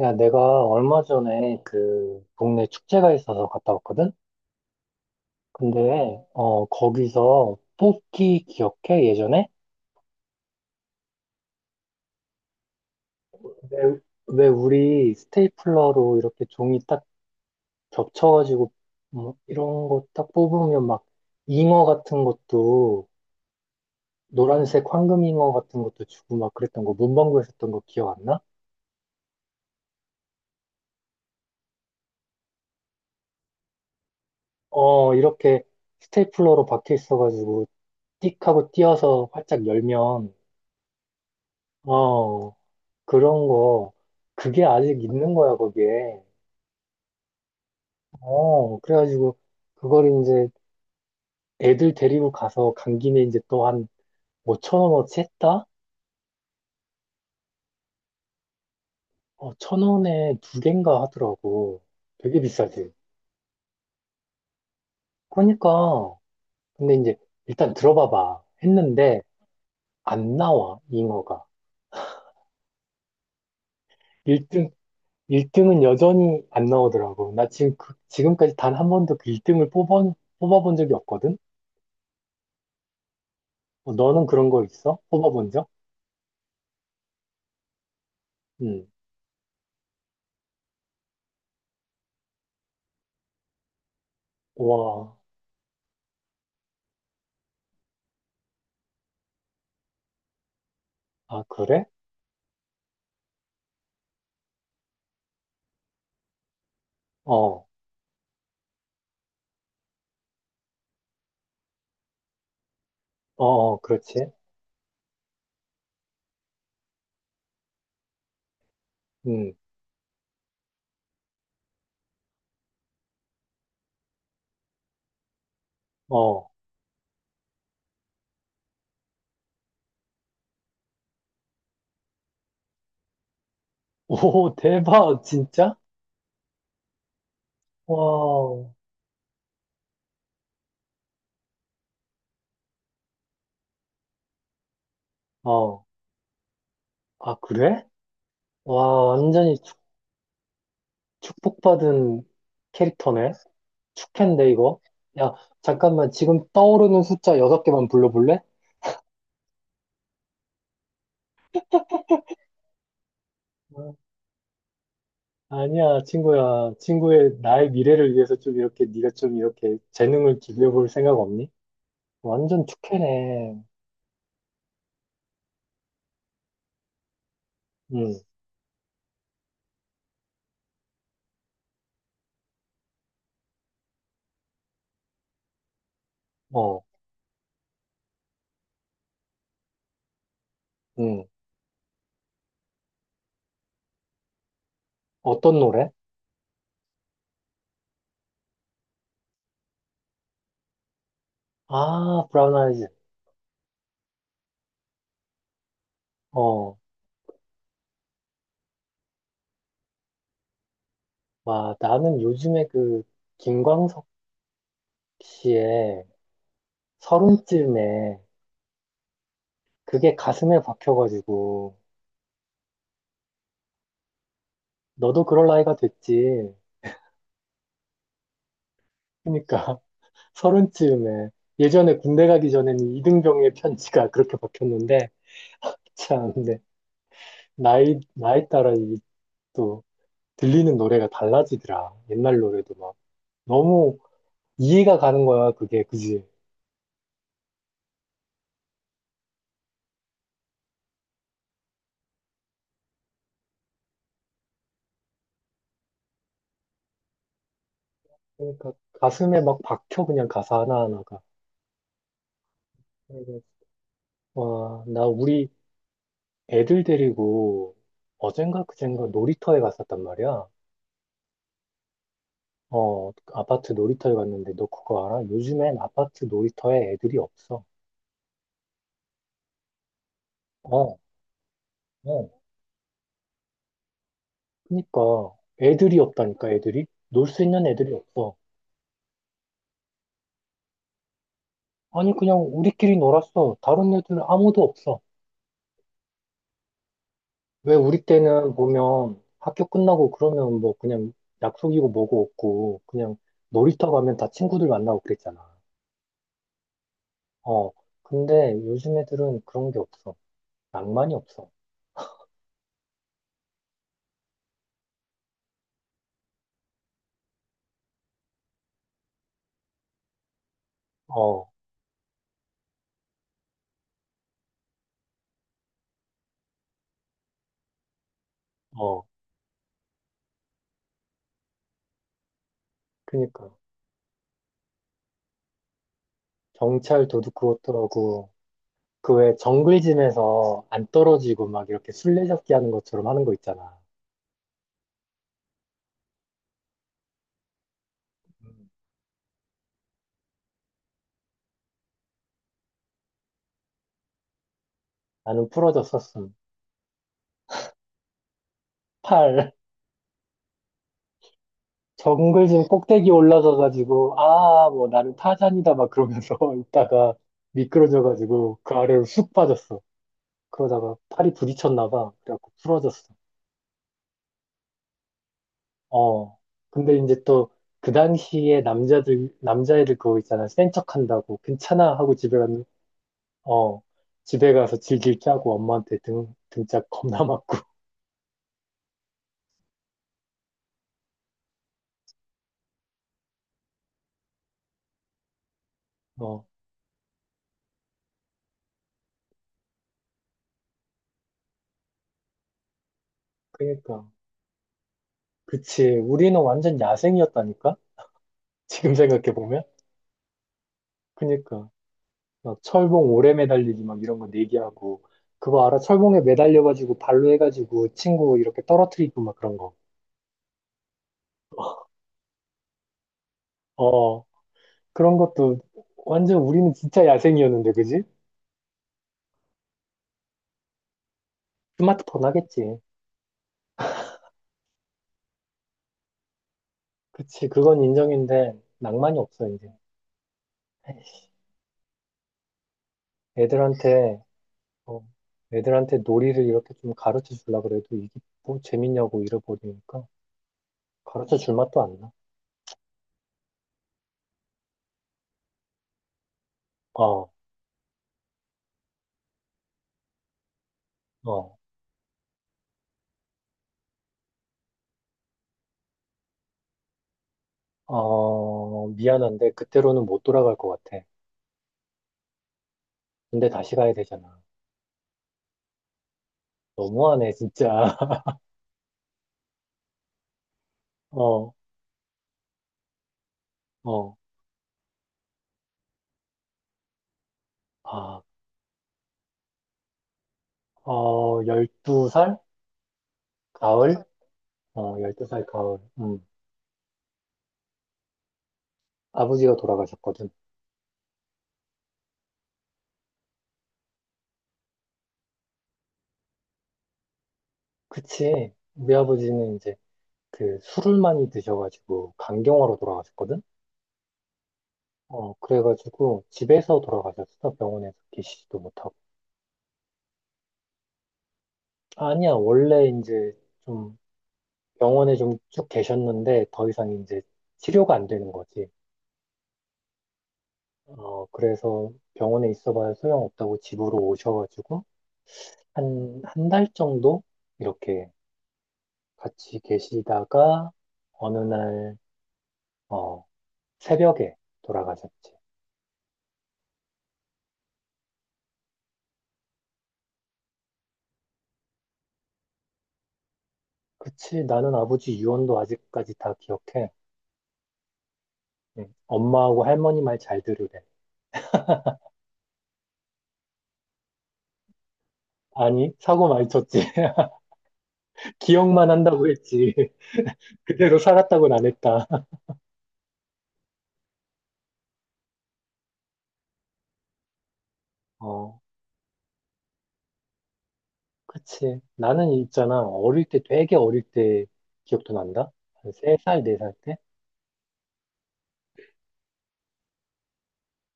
야, 내가 얼마 전에 그 동네 축제가 있어서 갔다 왔거든? 근데, 어, 거기서 뽑기 기억해? 예전에? 왜, 왜 우리 스테이플러로 이렇게 종이 딱 겹쳐가지고, 뭐 이런 거 딱 뽑으면 막 잉어 같은 것도, 노란색 황금 잉어 같은 것도 주고 막 그랬던 거, 문방구에서 했던 거 기억 안 나? 어, 이렇게 스테이플러로 박혀 있어가지고, 띡 하고 띄어서 활짝 열면, 어, 그런 거, 그게 아직 있는 거야, 거기에. 어, 그래가지고, 그걸 이제 애들 데리고 가서 간 김에 이제 또 한 5천 원어치 했다? 어, 천 원에 두 갠가 하더라고. 되게 비싸지. 그러니까, 근데 이제 일단 들어봐봐. 했는데, 안 나와, 잉어가. 1등, 일등은 여전히 안 나오더라고. 나 지금, 지금까지 단 한 번도 그 1등을 뽑아본 적이 없거든? 어, 너는 그런 거 있어? 뽑아본 적? 응. 와, 아, 그래? 어, 어, 어, 그렇지. 음, 어. 오, 대박, 진짜? 와, 어. 아, 그래? 와, 완전히 축복받은 캐릭터네. 축캔데, 이거? 야, 잠깐만, 지금 떠오르는 숫자 여섯 개만 불러볼래? 어, 아니야, 친구야. 친구의 나의 미래를 위해서 좀 이렇게, 네가 좀 이렇게 재능을 기부해볼 생각 없니? 완전 축캐네. 응. 어, 응. 어떤 노래? 아, 브라운 아이즈. 어. 와, 나는 요즘에 그 김광석 씨의 서른쯤에 그게 가슴에 박혀가지고 너도 그럴 나이가 됐지. 그러니까 서른쯤에 예전에 군대 가기 전에는 이등병의 편지가 그렇게 박혔는데 참, 근데 나이 따라 이또 들리는 노래가 달라지더라. 옛날 노래도 막 너무 이해가 가는 거야 그게 그지. 그러니까 가슴에 막 박혀 그냥 가사 하나하나가. 그래서 와, 나 우리 애들 데리고 어젠가 그젠가 놀이터에 갔었단 말이야. 어, 아파트 놀이터에 갔는데 너 그거 알아? 요즘엔 아파트 놀이터에 애들이 없어. 어, 어. 그니까 애들이 없다니까 애들이? 놀 수 있는 애들이 없어. 아니 그냥 우리끼리 놀았어. 다른 애들은 아무도 없어. 왜 우리 때는 보면 학교 끝나고 그러면 뭐 그냥 약속이고 뭐고 없고 그냥 놀이터 가면 다 친구들 만나고 그랬잖아. 어, 근데 요즘 애들은 그런 게 없어. 낭만이 없어. 어, 어, 그니까. 경찰 도둑 그것더라고. 그 왜 정글짐에서 안 떨어지고 막 이렇게 술래잡기 하는 것처럼 하는 거 있잖아. 음. 나는 부러졌었음. 팔. 정글짐 꼭대기 올라가가지고, 아, 뭐 나는 타잔이다 막 그러면서 있다가 미끄러져가지고 그 아래로 쑥 빠졌어. 그러다가 팔이 부딪혔나 봐. 그래갖고 부러졌어. 어. 근데 이제 또 그 당시에 남자애들 그거 있잖아. 센 척한다고. 괜찮아 하고 집에 갔는데 어, 집에 가서 질질 짜고 엄마한테 등짝 겁나 맞고. 어, 그니까. 그치. 우리는 완전 야생이었다니까? 지금 생각해보면? 그니까. 막 철봉 오래 매달리기 막 이런 거 내기하고. 그거 알아? 철봉에 매달려가지고 발로 해가지고 친구 이렇게 떨어뜨리고 막 그런 거. 어, 그런 것도 완전 우리는 진짜 야생이었는데, 그지? 스마트폰 하겠지. 그치. 그건 인정인데 낭만이 없어, 이제. 애들한테 어, 애들한테 놀이를 이렇게 좀 가르쳐 주려 그래도 이게 뭐 재밌냐고 잃어버리니까 가르쳐 줄 맛도 안 나. 어, 어, 어, 미안한데 그때로는 못 돌아갈 것 같아. 근데 다시 가야 되잖아. 너무하네, 진짜. 어, 어, 아, 어, 12살? 가을? 어, 12살 가을. 아버지가 돌아가셨거든. 그치. 우리 아버지는 이제 그 술을 많이 드셔가지고 간경화로 돌아가셨거든. 어, 그래가지고 집에서 돌아가셨어. 병원에서 계시지도 못하고. 아니야, 원래 이제 좀 병원에 좀 쭉 계셨는데 더 이상 이제 치료가 안 되는 거지. 어, 그래서 병원에 있어봐야 소용없다고 집으로 오셔가지고 한, 1달 정도 이렇게 같이 계시다가 어느 날, 어, 새벽에 돌아가셨지. 그치, 나는 아버지 유언도 아직까지 다 기억해. 응. 엄마하고 할머니 말 잘 들으래. 아니, 사고 많이 쳤지. 기억만 한다고 했지. 그대로 살았다고는 안 했다. 어, 그치. 나는 있잖아. 어릴 때, 되게 어릴 때 기억도 난다? 한 3살, 4살 때?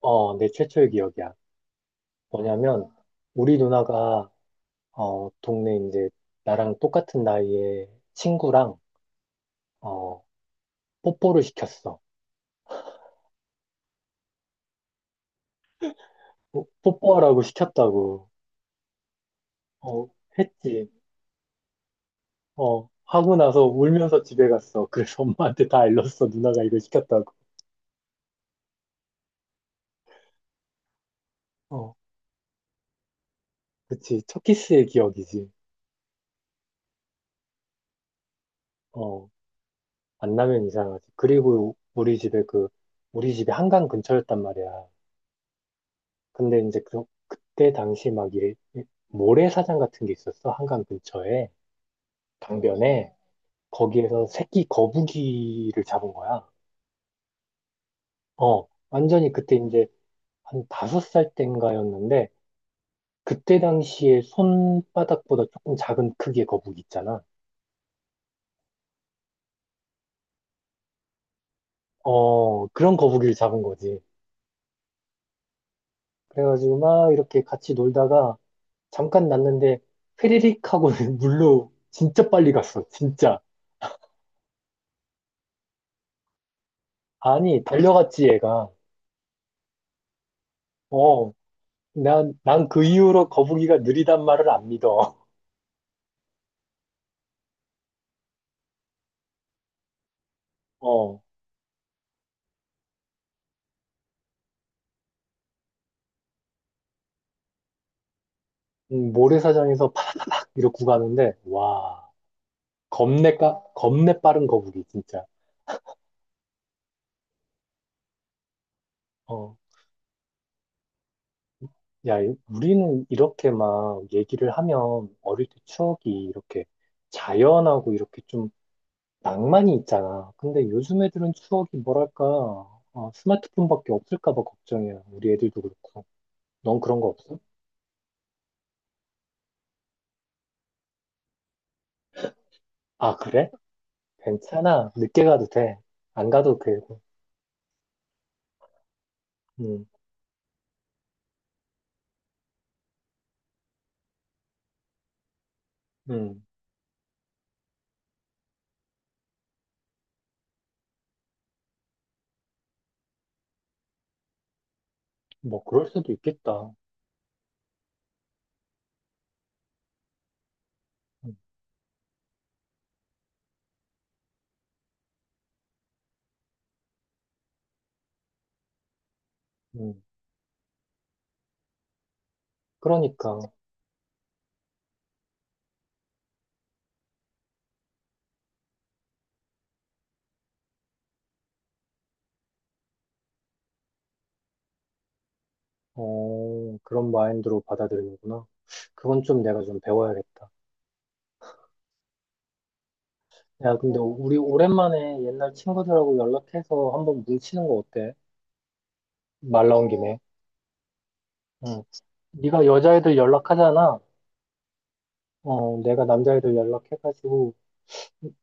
어, 내 최초의 기억이야. 뭐냐면, 우리 누나가, 어, 동네 이제, 나랑 똑같은 나이에 친구랑, 어, 뽀뽀를 시켰어. 뽀뽀하라고 시켰다고, 어, 했지. 어, 하고 나서 울면서 집에 갔어. 그래서 엄마한테 다 일렀어. 누나가 이걸 시켰다고. 어, 그치. 첫 키스의 기억이지. 어, 만나면 이상하지. 그리고 우리 집에 그, 우리 집이 한강 근처였단 말이야. 근데 이제 그때 당시 막 이 모래사장 같은 게 있었어. 한강 근처에. 강변에. 거기에서 새끼 거북이를 잡은 거야. 어, 완전히 그때 이제 한 5살 땐가였는데, 그때 당시에 손바닥보다 조금 작은 크기의 거북이 있잖아. 어, 그런 거북이를 잡은 거지. 그래가지고 막 이렇게 같이 놀다가 잠깐 났는데 휘리릭 하고 물로 진짜 빨리 갔어. 진짜. 아니, 달려갔지, 얘가. 어, 난 그 이후로 거북이가 느리단 말을 안 믿어. 어, 모래사장에서 팍 이러고 가는데, 와, 겁내 빠른 거북이, 진짜. 어, 야, 우리는 이렇게 막 얘기를 하면 어릴 때 추억이 이렇게 자연하고 이렇게 낭만이 있잖아. 근데 요즘 애들은 추억이 뭐랄까, 어, 스마트폰밖에 없을까 봐 걱정이야. 우리 애들도 그렇고. 넌 그런 거 없어? 아, 그래? 괜찮아. 늦게 가도 돼. 안 가도 되고. 음, 음. 뭐, 그럴 수도 있겠다. 음, 음. 그러니까, 어, 그런 마인드로 받아들이는구나. 그건 좀 내가 좀 배워야겠다. 야, 근데 우리 오랜만에 옛날 친구들하고 연락해서 한번 뭉치는 거 어때? 말 나온 김에. 응. 네가 여자애들 연락하잖아. 어, 내가 남자애들 연락해가지고,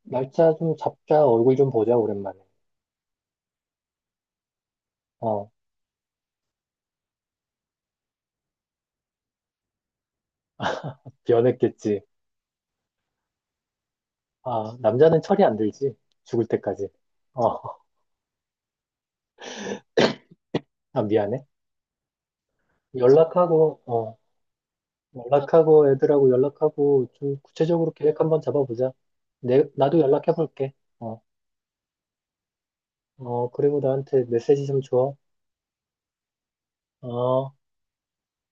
날짜 좀 잡자, 얼굴 좀 보자, 오랜만에. 어, 변했겠지. 아, 남자는 철이 안 들지. 죽을 때까지. 어, 아, 미안해. 연락하고, 어, 연락하고, 애들하고 연락하고, 좀 구체적으로 계획 한번 잡아보자. 나도 연락해볼게. 어, 어, 그리고 나한테 메시지 좀 줘. 어.